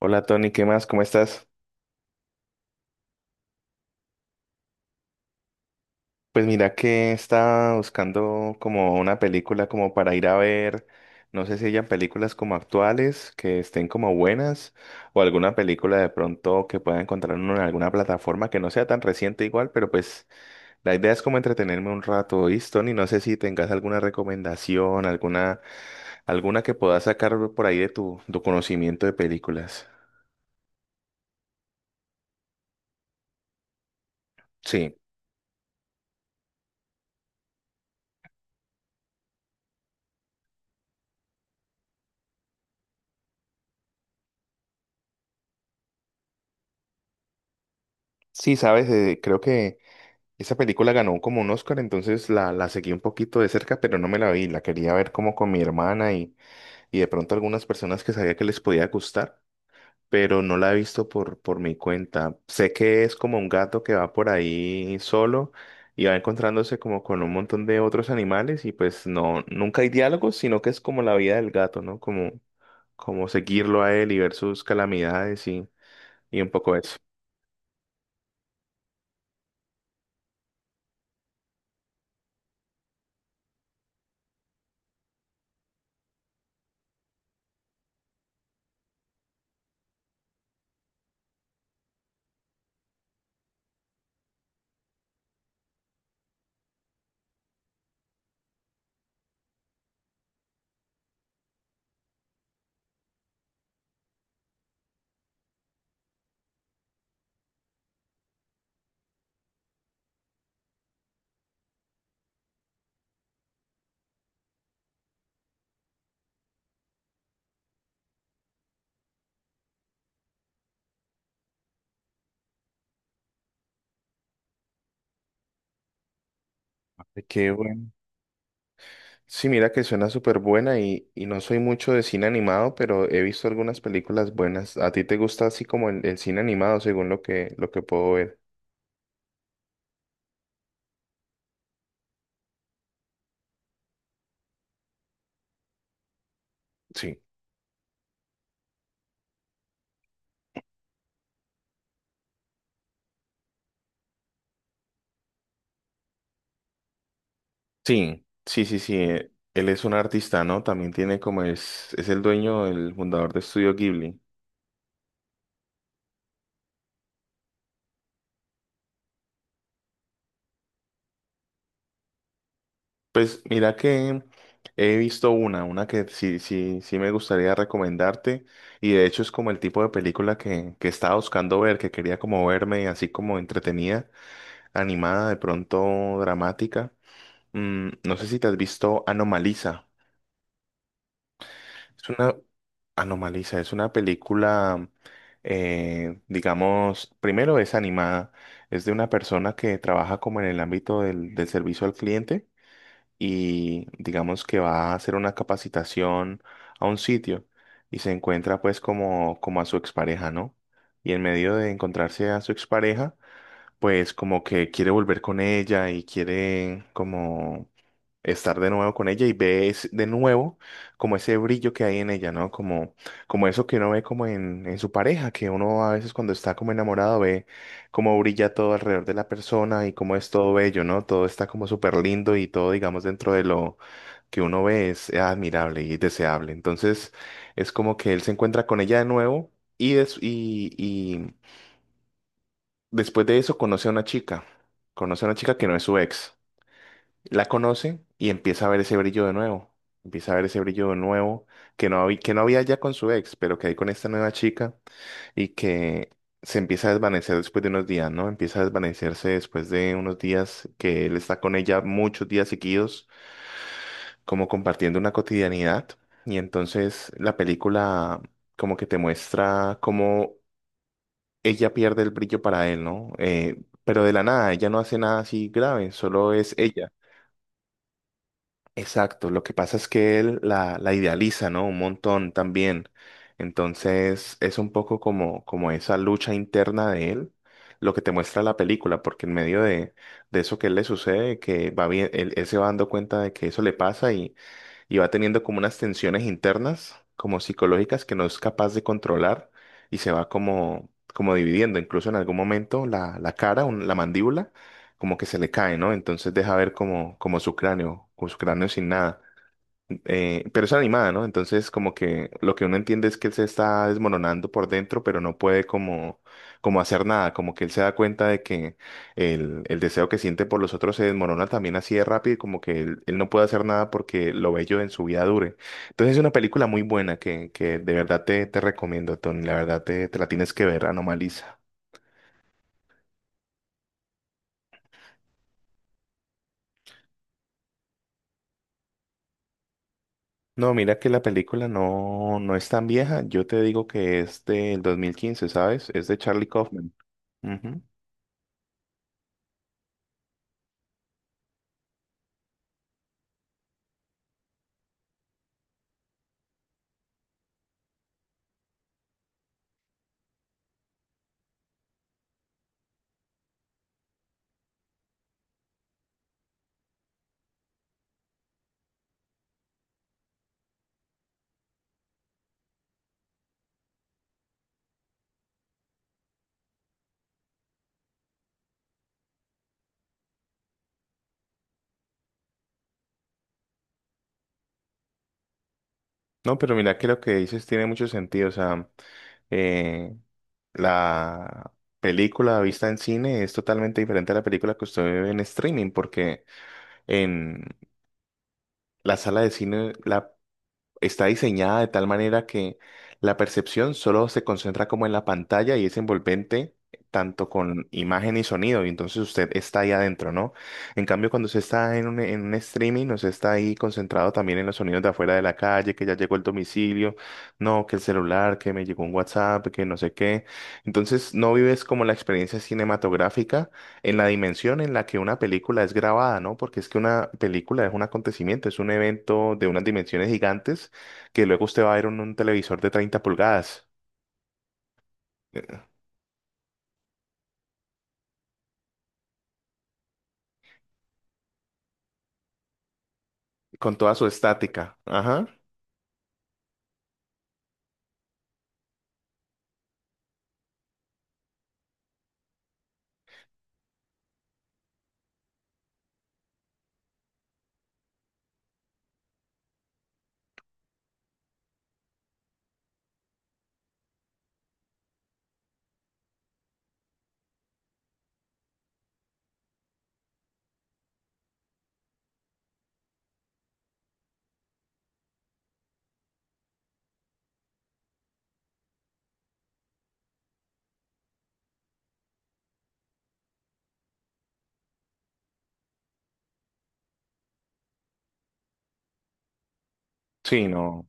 Hola Tony, ¿qué más? ¿Cómo estás? Pues mira que estaba buscando como una película como para ir a ver, no sé si hayan películas como actuales que estén como buenas o alguna película de pronto que pueda encontrar uno en alguna plataforma que no sea tan reciente igual, pero pues la idea es como entretenerme un rato, ¿oíste, Tony? No sé si tengas alguna recomendación, alguna, alguna que puedas sacar por ahí de tu conocimiento de películas. Sí. Sí, sabes, creo que esa película ganó como un Oscar, entonces la seguí un poquito de cerca, pero no me la vi. La quería ver como con mi hermana y de pronto algunas personas que sabía que les podía gustar, pero no la he visto por mi cuenta. Sé que es como un gato que va por ahí solo y va encontrándose como con un montón de otros animales y pues no, nunca hay diálogos, sino que es como la vida del gato, ¿no? Como, como seguirlo a él y ver sus calamidades y un poco eso. Qué bueno. Sí, mira que suena súper buena y no soy mucho de cine animado, pero he visto algunas películas buenas. ¿A ti te gusta así como el cine animado, según lo que puedo ver? Sí. Sí, sí, sí, sí. Él es un artista, ¿no? También tiene como es el dueño, el fundador de Estudio Ghibli. Pues mira que he visto una que sí, sí, sí me gustaría recomendarte y de hecho es como el tipo de película que estaba buscando ver, que quería como verme así como entretenida. Animada, de pronto dramática. No sé si te has visto Anomaliza. Es una... Anomaliza, es una película, digamos, primero es animada, es de una persona que trabaja como en el ámbito del servicio al cliente y digamos que va a hacer una capacitación a un sitio y se encuentra pues como, como a su expareja, ¿no? Y en medio de encontrarse a su expareja, pues como que quiere volver con ella y quiere como estar de nuevo con ella y ve de nuevo como ese brillo que hay en ella, ¿no? Como, como eso que uno ve como en su pareja, que uno a veces cuando está como enamorado ve cómo brilla todo alrededor de la persona y cómo es todo bello, ¿no? Todo está como súper lindo y todo, digamos, dentro de lo que uno ve es admirable y deseable. Entonces es como que él se encuentra con ella de nuevo. Y, des- y, Después de eso conoce a una chica, conoce a una chica que no es su ex. La conoce y empieza a ver ese brillo de nuevo. Empieza a ver ese brillo de nuevo que que no había ya con su ex, pero que hay con esta nueva chica y que se empieza a desvanecer después de unos días, ¿no? Empieza a desvanecerse después de unos días que él está con ella muchos días seguidos, como compartiendo una cotidianidad. Y entonces la película como que te muestra cómo ella pierde el brillo para él, ¿no? Pero de la nada, ella no hace nada así grave, solo es ella. Exacto, lo que pasa es que él la idealiza, ¿no? Un montón también. Entonces es un poco como, como esa lucha interna de él, lo que te muestra la película, porque en medio de eso que él le sucede, que va bien, él se va dando cuenta de que eso le pasa y va teniendo como unas tensiones internas, como psicológicas, que no es capaz de controlar y se va como, como dividiendo. Incluso en algún momento la mandíbula, como que se le cae, ¿no? Entonces deja ver como, como su cráneo, con su cráneo sin nada. Pero es animada, ¿no? Entonces, como que lo que uno entiende es que él se está desmoronando por dentro, pero no puede como, como hacer nada, como que él se da cuenta de que el deseo que siente por los otros se desmorona también así de rápido, y como que él no puede hacer nada porque lo bello en su vida dure. Entonces, es una película muy buena que de verdad te recomiendo, Tony, la verdad te la tienes que ver, Anomaliza. No, mira que la película no, no es tan vieja, yo te digo que es del 2015, ¿sabes? Es de Charlie Kaufman. Ujú. No, pero mira que lo que dices tiene mucho sentido. O sea, eh, la película vista en cine es totalmente diferente a la película que usted ve en streaming, porque en la sala de cine la está diseñada de tal manera que la percepción solo se concentra como en la pantalla y es envolvente tanto con imagen y sonido, y entonces usted está ahí adentro, ¿no? En cambio, cuando usted está en un streaming, no se está ahí concentrado también en los sonidos de afuera de la calle, que ya llegó el domicilio, no, que el celular, que me llegó un WhatsApp, que no sé qué. Entonces, no vives como la experiencia cinematográfica en la dimensión en la que una película es grabada, ¿no? Porque es que una película es un acontecimiento, es un evento de unas dimensiones gigantes que luego usted va a ver un televisor de 30 pulgadas eh, con toda su estática. Ajá. Sí, no.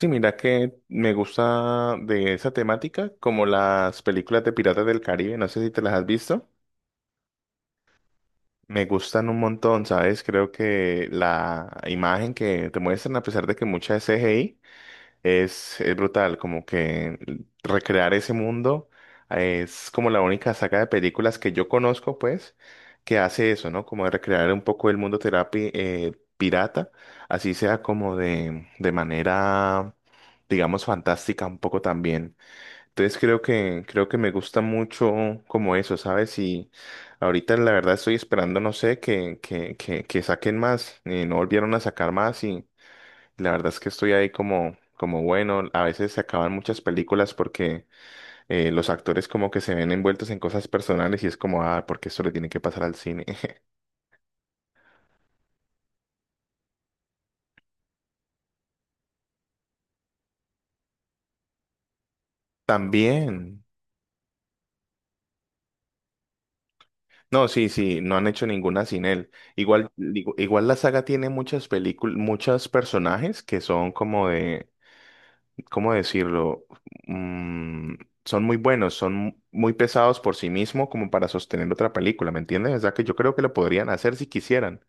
Sí, mira que me gusta de esa temática, como las películas de Piratas del Caribe, no sé si te las has visto. Me gustan un montón, ¿sabes? Creo que la imagen que te muestran, a pesar de que mucha es CGI, es brutal, como que recrear ese mundo. Es como la única saga de películas que yo conozco, pues, que hace eso, ¿no? Como de recrear un poco el mundo terapi pirata, así sea como de manera, digamos, fantástica un poco también. Entonces creo que me gusta mucho como eso, ¿sabes? Y ahorita la verdad estoy esperando, no sé, que saquen más, no volvieron a sacar más y... La verdad es que estoy ahí como, como bueno, a veces se acaban muchas películas porque los actores como que se ven envueltos en cosas personales y es como, ah, porque esto le tiene que pasar al cine. También. No, sí, sí, no han hecho ninguna sin él. Igual, digo, igual la saga tiene muchas películas, muchos personajes que son como de, ¿cómo decirlo? Mm, Son muy buenos, son muy pesados por sí mismo como para sostener otra película, ¿me entiendes? O sea que yo creo que lo podrían hacer si quisieran.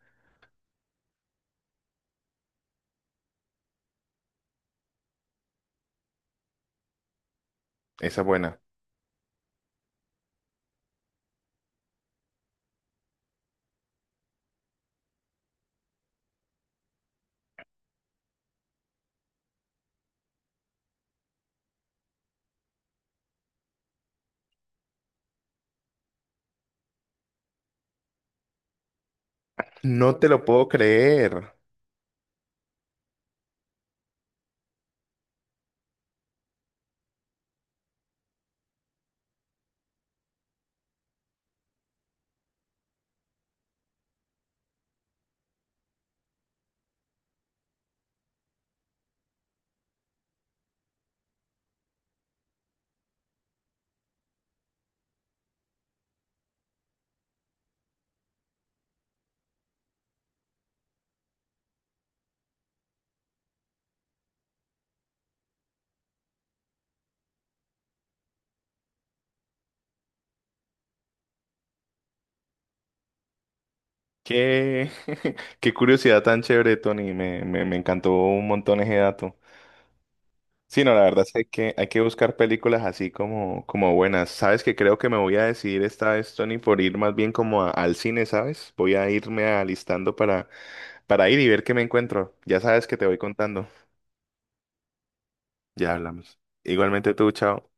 Esa es buena. No te lo puedo creer. Qué, qué curiosidad tan chévere, Tony. Me encantó un montón ese dato. Sí, no, la verdad es que hay que hay que buscar películas así como, como buenas. Sabes que creo que me voy a decidir esta vez, Tony, por ir más bien como al cine, ¿sabes? Voy a irme alistando para ir y ver qué me encuentro. Ya sabes que te voy contando. Ya hablamos. Igualmente tú, chao.